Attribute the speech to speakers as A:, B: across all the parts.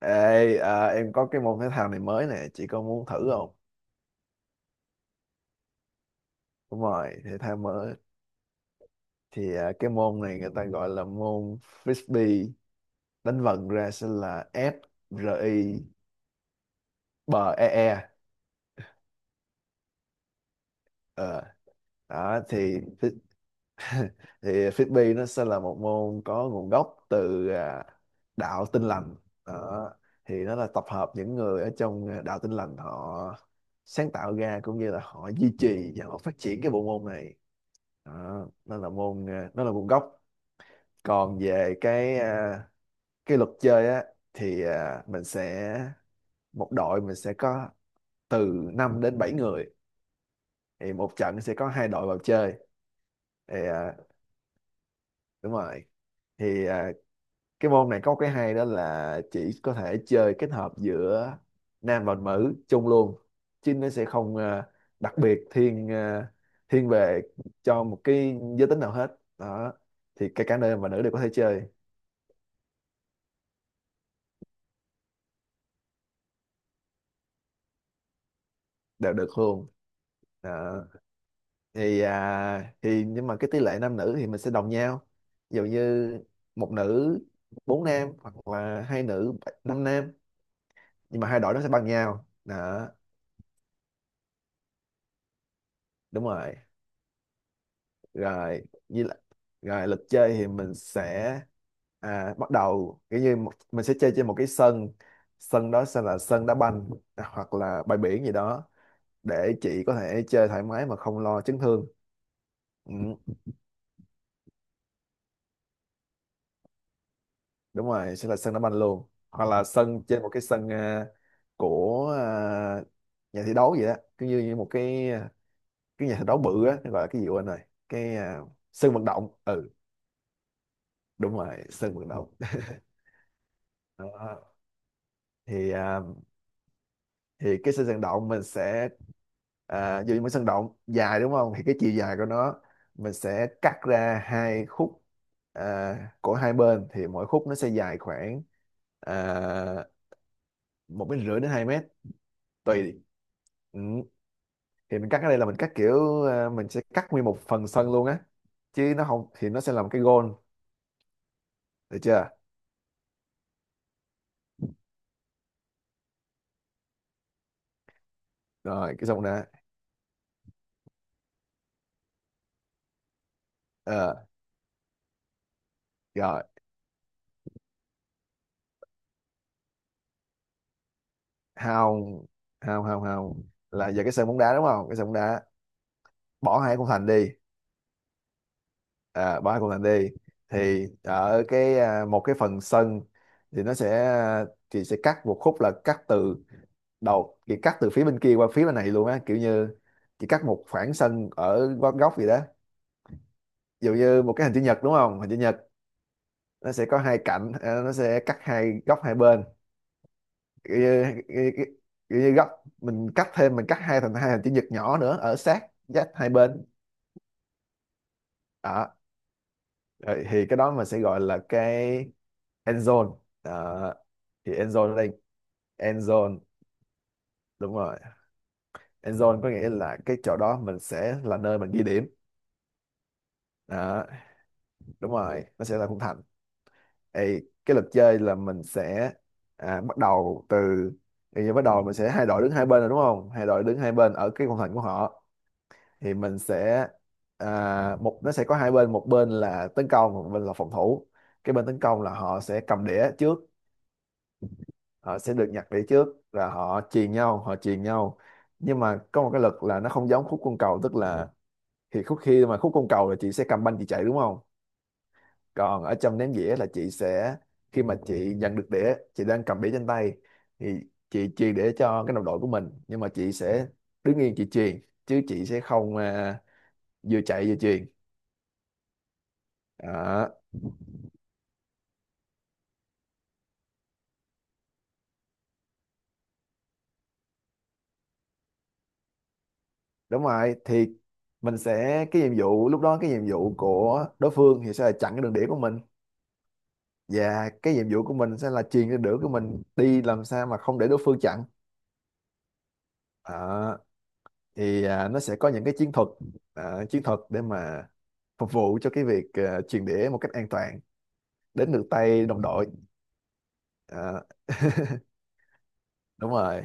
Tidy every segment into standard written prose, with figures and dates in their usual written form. A: Ê, em có cái môn thể thao này mới nè, chị có muốn thử không? Đúng rồi, thể thao mới. Thì cái môn này người ta gọi là môn frisbee, đánh vần ra sẽ là F R I B E E. Ờ, đó thì fris- thì frisbee nó sẽ là một môn có nguồn gốc từ đạo Tin lành. Đó. Thì nó là tập hợp những người ở trong đạo Tin lành họ sáng tạo ra cũng như là họ duy trì và họ phát triển cái bộ môn này đó, nó là môn nó là môn gốc. Còn về cái cái luật chơi á, thì mình sẽ, một đội mình sẽ có từ 5 đến 7 người. Thì một trận sẽ có hai đội vào chơi. Thì đúng rồi. Thì cái môn này có cái hay đó là chỉ có thể chơi kết hợp giữa nam và nữ chung luôn, chứ nó sẽ không đặc biệt thiên thiên về cho một cái giới tính nào hết đó. Thì cả cả nam và nữ đều có thể chơi, đều được luôn. Ờ, thì thì nhưng mà cái tỷ lệ nam nữ thì mình sẽ đồng nhau, ví dụ như một nữ bốn nam, hoặc là hai nữ năm nam, nhưng mà hai đội nó sẽ bằng nhau đó. Đúng rồi. Rồi như là, rồi lịch chơi thì mình sẽ bắt đầu kiểu như một, mình sẽ chơi trên một cái sân. Sân đó sẽ là sân đá banh, hoặc là bãi biển gì đó, để chị có thể chơi thoải mái mà không lo chấn thương. Ừ. Đúng rồi, sẽ là sân đá banh luôn, hoặc là sân trên một cái sân của nhà thi đấu vậy đó, cứ như, như một cái cái nhà thi đấu bự á, nó gọi là cái gì quên rồi, cái sân vận động. Ừ. Đúng rồi sân vận động. Đó. Thì thì cái sân vận động mình sẽ dù như một sân động dài, đúng không, thì cái chiều dài của nó mình sẽ cắt ra hai khúc của hai bên, thì mỗi khúc nó sẽ dài khoảng à, 1,5 đến 2 mét, tùy. Ừ. Thì mình cắt ở đây là mình cắt kiểu mình sẽ cắt nguyên một phần sân luôn á, chứ nó không thì nó sẽ là một cái goal, được chưa. Rồi, cái xong nè, ờ rồi, hao hao hao hao, là giờ cái sân bóng đá đúng không, cái sân bóng đá bỏ hai khung thành đi, bỏ hai khung thành đi. Thì ở cái một cái phần sân thì nó sẽ, thì sẽ cắt một khúc là cắt từ đầu, chỉ cắt từ phía bên kia qua phía bên này luôn á, kiểu như chỉ cắt một khoảng sân ở góc góc gì đó, ví dụ như một cái hình chữ nhật đúng không, hình chữ nhật nó sẽ có hai cạnh, nó sẽ cắt hai góc hai bên, kiểu như, kiểu như, kiểu như góc, mình cắt thêm, mình cắt hai thành hai hình chữ nhật nhỏ nữa ở sát giáp hai bên đó. Rồi thì cái đó mình sẽ gọi là cái end zone đó. Thì end zone ở đây end zone, đúng rồi end zone có nghĩa là cái chỗ đó mình sẽ là nơi mình ghi điểm đó, đúng rồi nó sẽ là khung thành. Ê, cái luật chơi là mình sẽ bắt đầu từ, thì giờ bắt đầu mình sẽ hai đội đứng hai bên rồi đúng không? Hai đội đứng hai bên ở cái khung thành của họ, thì mình sẽ một nó sẽ có hai bên, một bên là tấn công một bên là phòng thủ. Cái bên tấn công là họ sẽ cầm đĩa trước, họ sẽ được nhặt đĩa trước là họ chuyền nhau họ chuyền nhau. Nhưng mà có một cái luật là nó không giống khúc côn cầu, tức là thì khúc, khi mà khúc côn cầu là chị sẽ cầm banh chị chạy đúng không, còn ở trong ném dĩa là chị sẽ, khi mà chị nhận được đĩa chị đang cầm đĩa trên tay thì chị chuyền đĩa cho cái đồng đội của mình, nhưng mà chị sẽ đứng yên chị chuyền, chứ chị sẽ không vừa chạy vừa chuyền đó. Đúng rồi, thì mình sẽ cái nhiệm vụ lúc đó, cái nhiệm vụ của đối phương thì sẽ là chặn cái đường đĩa của mình, và cái nhiệm vụ của mình sẽ là truyền cái đĩa của mình đi làm sao mà không để đối phương chặn. à, nó sẽ có những cái chiến thuật, chiến thuật để mà phục vụ cho cái việc truyền đĩa một cách an toàn đến được tay đồng đội. à, đúng rồi,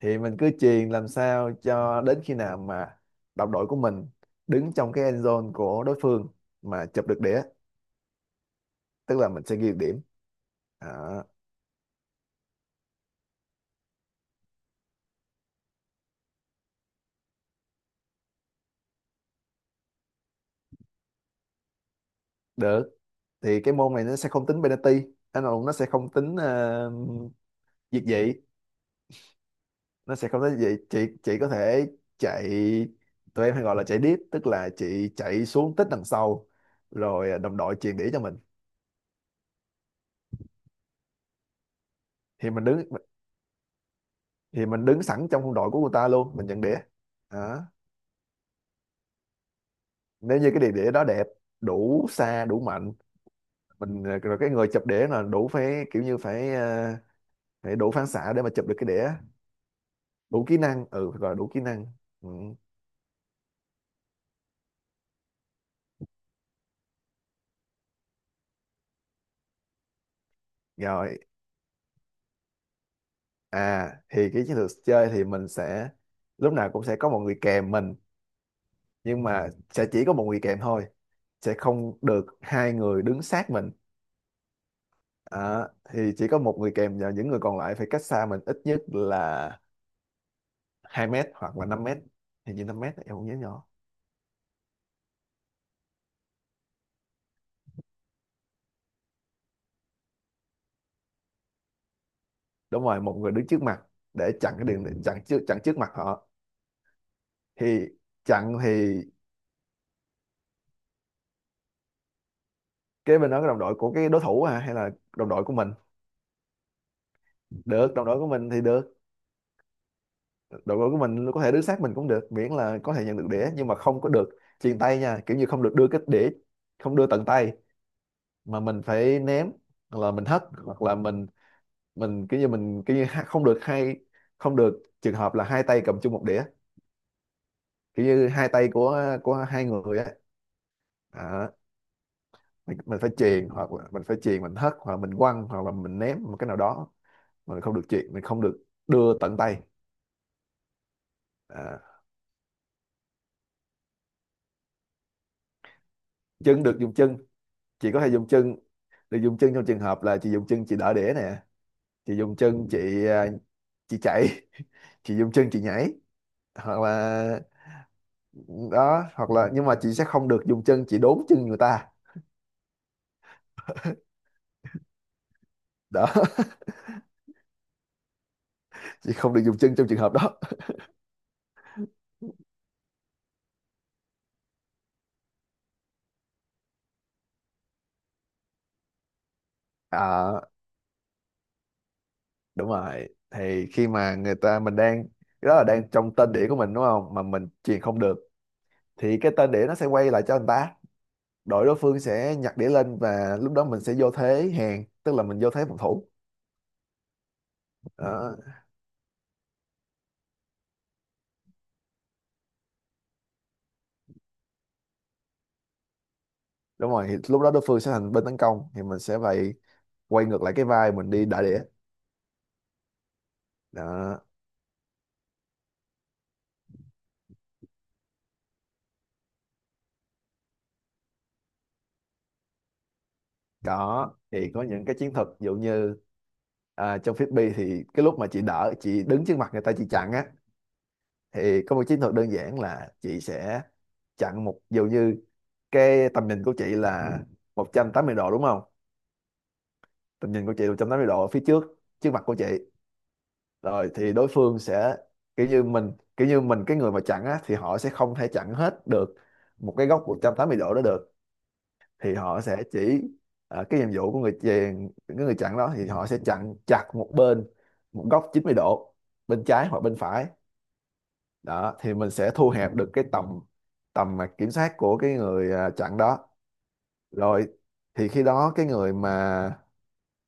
A: thì mình cứ truyền làm sao cho đến khi nào mà đồng đội của mình đứng trong cái end zone của đối phương mà chụp được đĩa, tức là mình sẽ ghi được điểm. À, được, thì cái môn này nó sẽ không tính penalty, anh Hùng nó sẽ không tính việt dị, nó sẽ không tính gì, chị có thể chạy. Tụi em hay gọi là chạy deep, tức là chị chạy xuống tít đằng sau, rồi đồng đội chuyền đĩa cho mình. Thì mình đứng thì mình đứng sẵn trong khung đội của người ta luôn, mình nhận đĩa đó. Nếu như cái đĩa đó đẹp, đủ xa đủ mạnh, mình rồi cái người chụp đĩa là đủ phải kiểu như phải phải đủ phản xạ để mà chụp được cái đĩa, đủ kỹ năng, ừ phải gọi là đủ kỹ năng. Ừ. Rồi, thì cái chiến lược chơi thì mình sẽ lúc nào cũng sẽ có một người kèm mình, nhưng mà sẽ chỉ có một người kèm thôi, sẽ không được hai người đứng sát mình. À, thì chỉ có một người kèm và những người còn lại phải cách xa mình ít nhất là 2 mét hoặc là 5 mét. Hình như 5 mét em không nhớ nhỏ. Đúng rồi, một người đứng trước mặt để chặn cái đường, chặn trước, chặn trước mặt họ. Thì chặn thì cái bên đó cái đồng đội của cái đối thủ hả? Hay là đồng đội của mình? Được, đồng đội của mình thì được, đội bóng của mình có thể đứng sát mình cũng được, miễn là có thể nhận được đĩa, nhưng mà không có được chuyền tay nha, kiểu như không được đưa cái đĩa, không đưa tận tay, mà mình phải ném, hoặc là mình hất, hoặc là mình, mình kiểu như không được hai, không được trường hợp là hai tay cầm chung một đĩa, kiểu như hai tay của hai người á, à, mình phải chuyền, hoặc là mình phải chuyền, mình hất, hoặc là mình quăng, hoặc là mình ném một cái nào đó, mà mình không được chuyền mình không được đưa tận tay. à, chân, được dùng chân, chị có thể dùng chân, được dùng chân trong trường hợp là chị dùng chân chị đỡ đĩa nè, chị dùng chân chị chị chạy, chị dùng chân chị nhảy, hoặc là đó, hoặc là nhưng mà chị sẽ không được dùng chân chị đốn chân người ta đó. Chị không được dùng chân trong trường hợp đó. à, đúng rồi, thì khi mà người ta mình đang, cái đó là đang trong tên đĩa của mình đúng không, mà mình truyền không được, thì cái tên đĩa nó sẽ quay lại cho người ta, đội đối phương sẽ nhặt đĩa lên và lúc đó mình sẽ vô thế hàng, tức là mình vô thế phòng thủ. Đó. Đúng rồi thì lúc đó đối phương sẽ thành bên tấn công, thì mình sẽ phải quay ngược lại cái vai mình đi đả đĩa đó. Có, thì có những cái chiến thuật ví dụ như trong frisbee thì cái lúc mà chị đỡ, chị đứng trước mặt người ta chị chặn á, thì có một chiến thuật đơn giản là chị sẽ chặn một, ví dụ như, cái tầm nhìn của chị là 180 độ đúng không, tầm nhìn của chị là 180 độ ở phía trước, trước mặt của chị, rồi thì đối phương sẽ kiểu như mình kiểu như mình cái người mà chặn á thì họ sẽ không thể chặn hết được một cái góc 180 độ đó được, thì họ sẽ chỉ, cái nhiệm vụ của người chèn cái người chặn đó thì họ sẽ chặn chặt một bên, một góc 90 độ bên trái hoặc bên phải đó, thì mình sẽ thu hẹp được cái tầm tầm mà kiểm soát của cái người chặn đó. Rồi thì khi đó cái người mà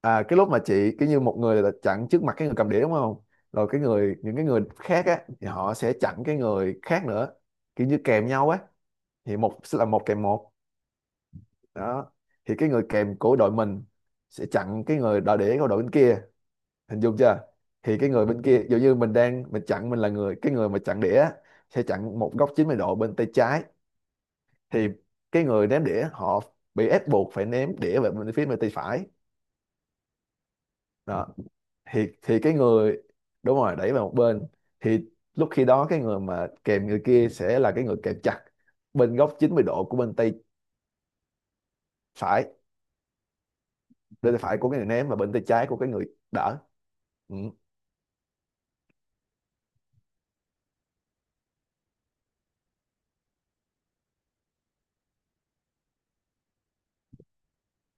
A: cái lúc mà chị cái như một người là chặn trước mặt cái người cầm đĩa đúng không, rồi cái người những cái người khác á thì họ sẽ chặn cái người khác nữa, kiểu như kèm nhau á, thì một sẽ là một kèm một đó. Thì cái người kèm của đội mình sẽ chặn cái người đòi đĩa của đội bên kia, hình dung chưa. Thì cái người bên kia dụ như mình đang mình chặn, mình là người cái người mà chặn đĩa sẽ chặn một góc 90 độ bên tay trái, thì cái người ném đĩa họ bị ép buộc phải ném đĩa về bên phía bên tay phải đó. Thì cái người đúng rồi đẩy vào một bên, thì lúc khi đó cái người mà kèm người kia sẽ là cái người kèm chặt bên góc 90 độ của bên tay phải, bên tay phải của cái người ném và bên tay trái của cái người đỡ. Ừ.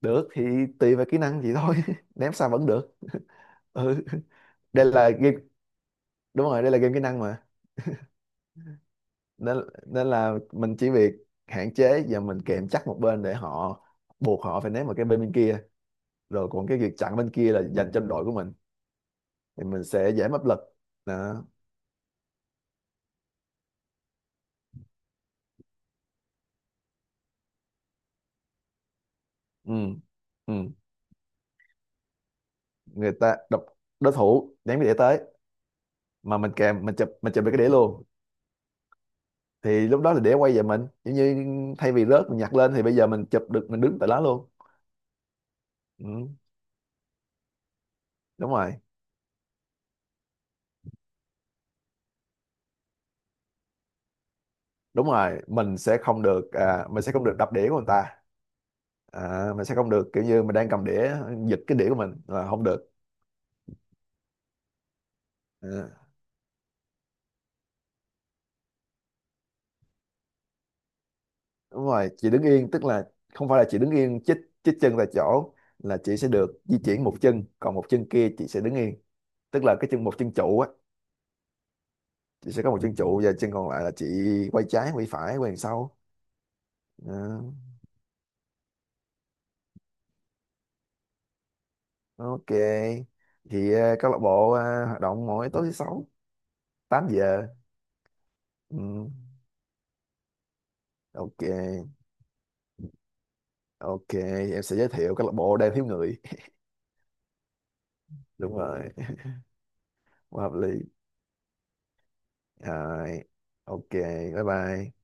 A: Được, thì tùy vào kỹ năng vậy thôi, ném sao vẫn được. Ừ. Đây là game, đúng rồi đây là game kỹ năng mà. Nên nên là mình chỉ việc hạn chế và mình kèm chắc một bên để họ, buộc họ phải ném vào cái bên bên kia, rồi còn cái việc chặn bên kia là dành cho đội của mình thì mình sẽ dễ áp lực đó. Ừ. Ừ. Người ta đập, đối thủ ném cái đĩa tới, mà mình kèm mình chụp được cái đĩa luôn, thì lúc đó là đĩa quay về mình giống như thay vì rớt mình nhặt lên thì bây giờ mình chụp được mình đứng tại đó luôn. Ừ. đúng rồi đúng rồi mình sẽ không được mình sẽ không được đập đĩa của người ta. Mình sẽ không được kiểu như mình đang cầm đĩa, giật cái đĩa của mình là không được. à, đúng rồi chị đứng yên, tức là không phải là chị đứng yên chích, chích chân tại chỗ, là chị sẽ được di chuyển một chân còn một chân kia chị sẽ đứng yên, tức là cái chân một chân trụ á. Chị sẽ có một chân trụ và chân còn lại là chị quay trái quay phải quay đằng sau. à, ok, thì câu lạc bộ hoạt động mỗi tối thứ sáu 8 giờ. Ừ, ok. Ok, em sẽ giới thiệu câu lạc bộ đang thiếu người. Đúng rồi, quá hợp lý. Rồi, ok, bye bye.